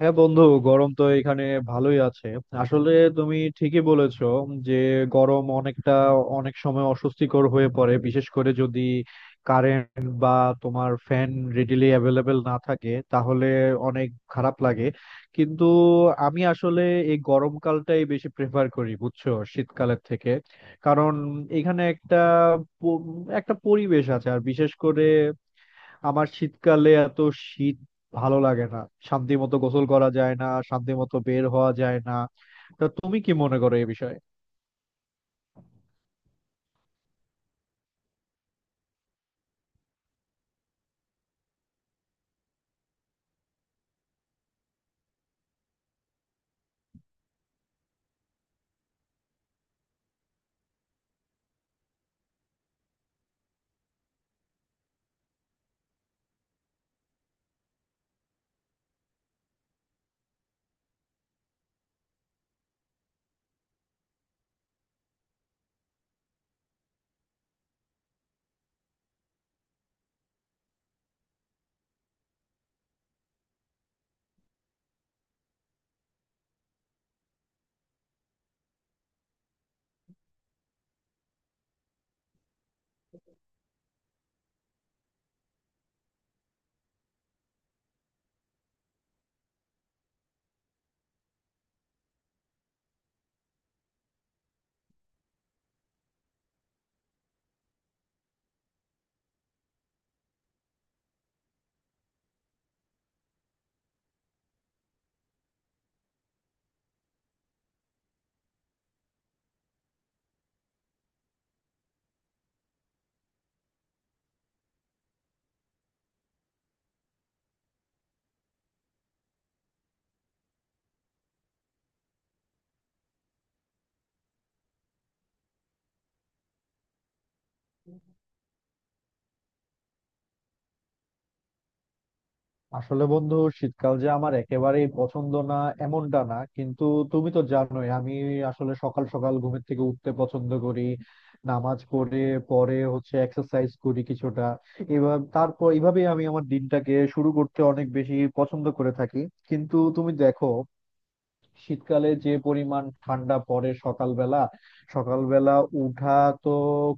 হ্যাঁ বন্ধু, গরম তো এখানে ভালোই আছে। আসলে তুমি ঠিকই বলেছো যে গরম অনেকটা, অনেক সময় অস্বস্তিকর হয়ে পড়ে, বিশেষ করে যদি কারেন্ট বা তোমার ফ্যান রেডিলি অ্যাভেলেবেল না থাকে তাহলে অনেক খারাপ লাগে। কিন্তু আমি আসলে এই গরমকালটাই বেশি প্রেফার করি বুঝছো, শীতকালের থেকে। কারণ এখানে একটা প- একটা পরিবেশ আছে, আর বিশেষ করে আমার শীতকালে এত শীত ভালো লাগে না, শান্তি মতো গোসল করা যায় না, শান্তি মতো বের হওয়া যায় না। তা তুমি কি মনে করো এই বিষয়ে? আসলে বন্ধু, শীতকাল যে আমার একেবারেই পছন্দ না এমনটা না, কিন্তু তুমি তো জানোই আমি আসলে সকাল সকাল ঘুমের থেকে উঠতে পছন্দ করি, নামাজ পড়ে পরে হচ্ছে এক্সারসাইজ করি কিছুটা, এবার তারপর এইভাবেই আমি আমার দিনটাকে শুরু করতে অনেক বেশি পছন্দ করে থাকি। কিন্তু তুমি দেখো শীতকালে যে পরিমাণ ঠান্ডা পড়ে, সকালবেলা সকালবেলা উঠা তো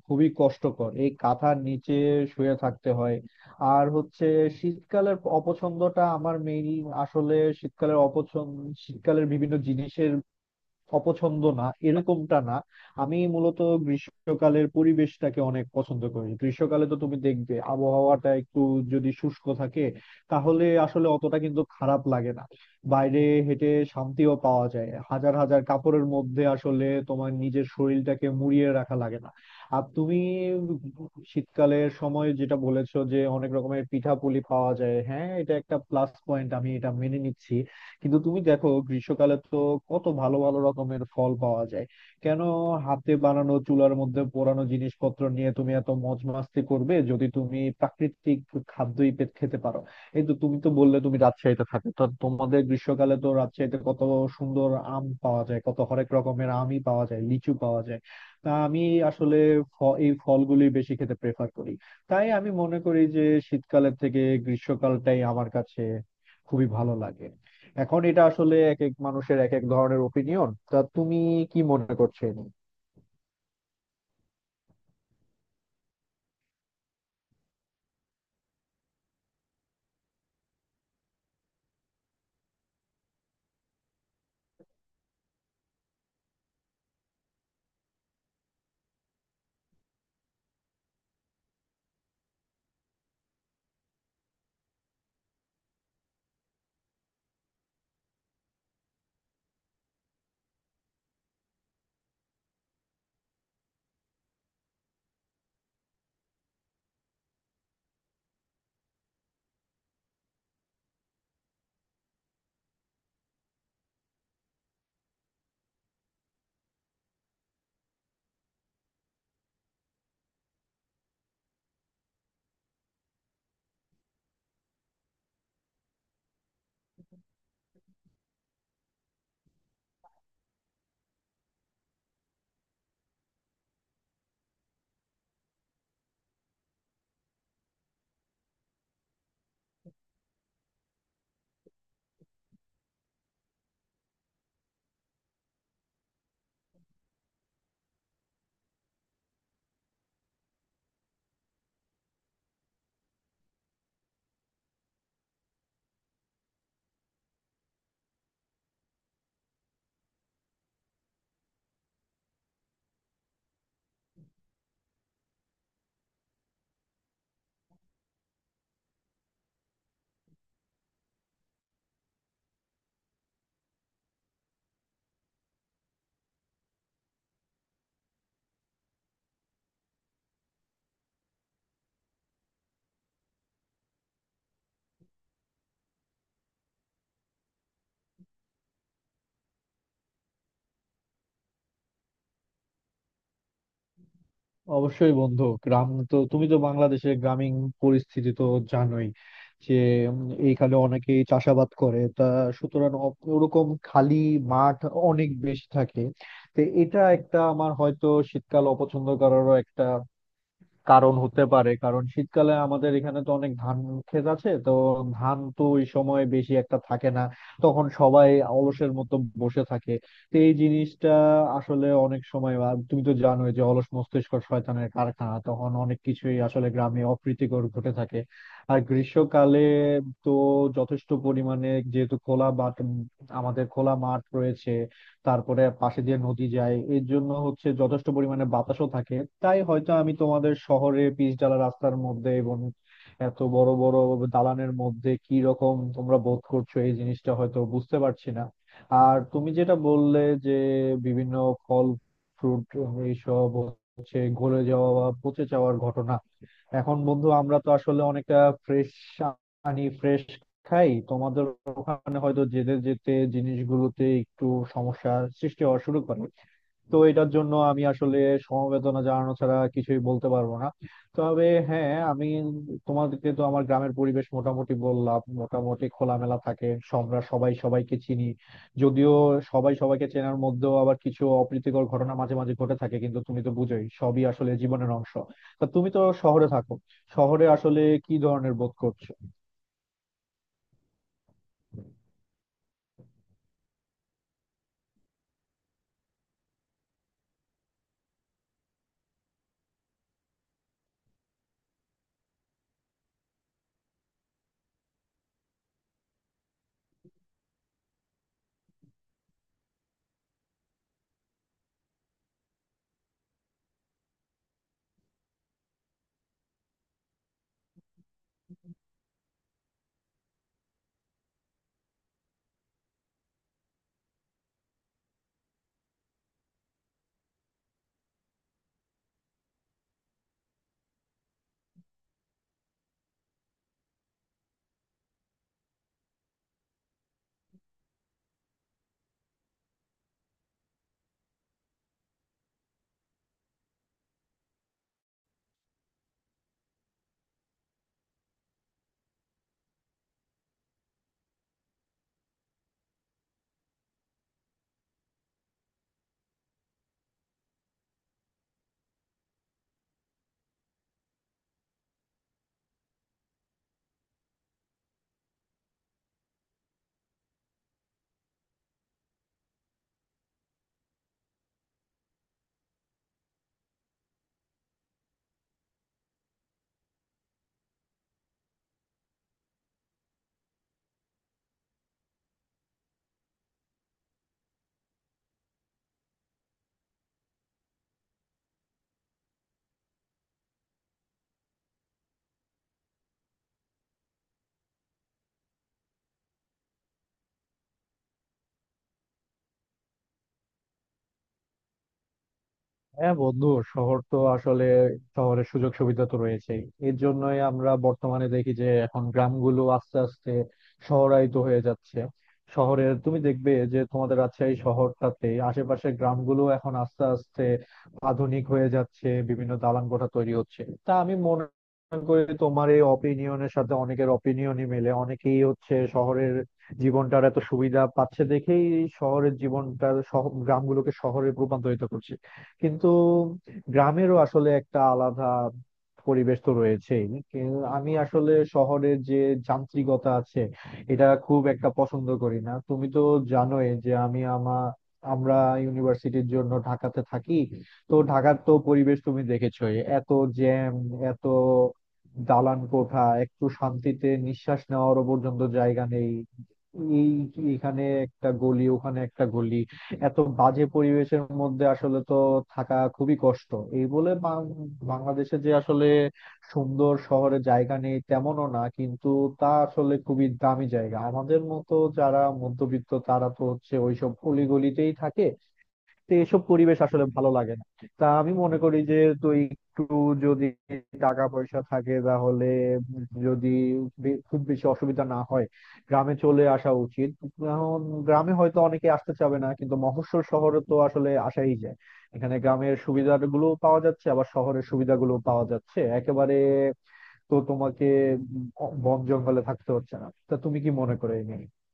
খুবই কষ্টকর, এই কাঁথার নিচে শুয়ে থাকতে হয়। আর হচ্ছে শীতকালের অপছন্দটা আমার মেইন, আসলে শীতকালের অপছন্দ শীতকালের বিভিন্ন জিনিসের অপছন্দ না, এরকমটা না। আমি মূলত গ্রীষ্মকালের পরিবেশটাকে অনেক পছন্দ করি। গ্রীষ্মকালে তো তুমি দেখবে আবহাওয়াটা একটু যদি শুষ্ক থাকে তাহলে আসলে অতটা কিন্তু খারাপ লাগে না, বাইরে হেঁটে শান্তিও পাওয়া যায়, হাজার হাজার কাপড়ের মধ্যে আসলে তোমার নিজের শরীরটাকে মুড়িয়ে রাখা লাগে না। আর তুমি শীতকালের সময় যেটা বলেছো যে অনেক রকমের পিঠাপুলি পাওয়া যায়, হ্যাঁ, এটা একটা প্লাস পয়েন্ট, আমি এটা মেনে নিচ্ছি। কিন্তু তুমি দেখো গ্রীষ্মকালে তো কত ভালো ভালো রকমের ফল পাওয়া যায়। কেন হাতে বানানো চুলার মধ্যে পোড়ানো জিনিসপত্র নিয়ে তুমি এত মজ মাস্তি করবে, যদি তুমি প্রাকৃতিক খেতে পারো। এই তো তুমি তো বললে তুমি রাজশাহীতে থাকো, তো তোমাদের গ্রীষ্মকালে তো রাজশাহীতে কত সুন্দর আম পাওয়া যায়, কত হরেক রকমের আমই পাওয়া যায়, লিচু পাওয়া যায়। তা আমি আসলে এই ফলগুলি বেশি খেতে প্রেফার করি। তাই আমি মনে করি যে শীতকালের থেকে গ্রীষ্মকালটাই আমার কাছে খুবই ভালো লাগে। এখন এটা আসলে এক এক মানুষের এক এক ধরনের ওপিনিয়ন। তা তুমি কি মনে করছো এ নিয়ে? অবশ্যই বন্ধু, গ্রাম তো তুমি তো বাংলাদেশের গ্রামীণ পরিস্থিতি তো জানোই যে, উম, এইখানে অনেকেই চাষাবাদ করে। তা সুতরাং ওরকম খালি মাঠ অনেক বেশি থাকে। তো এটা একটা আমার হয়তো শীতকাল অপছন্দ করারও একটা কারণ হতে পারে, কারণ শীতকালে আমাদের এখানে তো অনেক ধান ক্ষেত আছে, তো ধান তো ওই সময় বেশি একটা থাকে না, তখন সবাই অলসের মতো বসে থাকে। তো এই জিনিসটা আসলে অনেক সময়, আর তুমি তো জানোই যে অলস মস্তিষ্ক শয়তানের কারখানা, তখন অনেক কিছুই আসলে গ্রামে অপ্রীতিকর ঘটে থাকে। আর গ্রীষ্মকালে তো যথেষ্ট পরিমাণে যেহেতু খোলা মাঠ, আমাদের খোলা মাঠ রয়েছে, তারপরে পাশে দিয়ে নদী যায়, এর জন্য হচ্ছে যথেষ্ট পরিমাণে বাতাসও থাকে। তাই হয়তো আমি তোমাদের শহরে পিচ ঢালা রাস্তার মধ্যে এবং এত বড় বড় দালানের মধ্যে কি রকম তোমরা বোধ করছো এই জিনিসটা হয়তো বুঝতে পারছি না। আর তুমি যেটা বললে যে বিভিন্ন ফল, ফ্রুট, এইসব হচ্ছে গলে যাওয়া বা পচে যাওয়ার ঘটনা, এখন বন্ধু আমরা তো আসলে অনেকটা ফ্রেশ আনি, ফ্রেশ খাই। তোমাদের ওখানে হয়তো যেতে যেতে জিনিসগুলোতে একটু সমস্যার সৃষ্টি হওয়া শুরু করে। তো এটার জন্য আমি আসলে সমবেদনা জানানো ছাড়া কিছুই বলতে পারবো না। তবে হ্যাঁ, আমি তোমাদেরকে তো আমার গ্রামের পরিবেশ মোটামুটি বললাম, মোটামুটি খোলামেলা থাকে, আমরা সবাই সবাইকে চিনি। যদিও সবাই সবাইকে চেনার মধ্যেও আবার কিছু অপ্রীতিকর ঘটনা মাঝে মাঝে ঘটে থাকে, কিন্তু তুমি তো বুঝোই সবই আসলে জীবনের অংশ। তা তুমি তো শহরে থাকো, শহরে আসলে কি ধরনের বোধ করছো? হ্যাঁ বন্ধু, শহর তো আসলে শহরের সুযোগ সুবিধা তো রয়েছেই, এর জন্যই আমরা বর্তমানে দেখি যে এখন গ্রামগুলো আস্তে আস্তে শহরায়িত হয়ে যাচ্ছে। শহরের তুমি দেখবে যে তোমাদের রাজশাহী শহরটাতে আশেপাশে গ্রামগুলো এখন আস্তে আস্তে আধুনিক হয়ে যাচ্ছে, বিভিন্ন দালান কোঠা তৈরি হচ্ছে। তা আমি মনে করি তোমার এই অপিনিয়নের সাথে অনেকের অপিনিয়নই মেলে। অনেকেই হচ্ছে শহরের জীবনটার এত সুবিধা পাচ্ছে দেখেই শহরের জীবনটার গ্রামগুলোকে শহরে রূপান্তরিত করছে। কিন্তু গ্রামেরও আসলে একটা আলাদা পরিবেশ তো রয়েছেই। আমি আসলে শহরের যে যান্ত্রিকতা আছে এটা খুব একটা পছন্দ করি না। তুমি তো জানোই যে আমি আমরা ইউনিভার্সিটির জন্য ঢাকাতে থাকি। তো ঢাকার তো পরিবেশ তুমি দেখেছোই, এত জ্যাম, এত দালান কোঠা, একটু শান্তিতে নিঃশ্বাস নেওয়ারও পর্যন্ত জায়গা নেই। এই এখানে একটা গলি, ওখানে একটা গলি, এত বাজে পরিবেশের মধ্যে আসলে তো থাকা খুবই কষ্ট। এই বলে বাংলাদেশে যে আসলে সুন্দর শহরে জায়গা নেই তেমনও না, কিন্তু তা আসলে খুবই দামি জায়গা, আমাদের মতো যারা মধ্যবিত্ত তারা তো হচ্ছে ওইসব অলিগলিতেই থাকে। তো এসব পরিবেশ আসলে ভালো লাগে না। তা আমি মনে করি যে তুই একটু, যদি টাকা পয়সা থাকে তাহলে, যদি খুব বেশি অসুবিধা না হয়, গ্রামে চলে আসা উচিত এখন। গ্রামে হয়তো অনেকে আসতে চাবে না, কিন্তু মফস্বল শহরে তো আসলে আসাই যায়। এখানে গ্রামের সুবিধাগুলো পাওয়া যাচ্ছে, আবার শহরের সুবিধাগুলো পাওয়া যাচ্ছে একেবারে। তো তোমাকে বন জঙ্গলে থাকতে হচ্ছে না। তা তুমি কি মনে করো এই নিয়ে?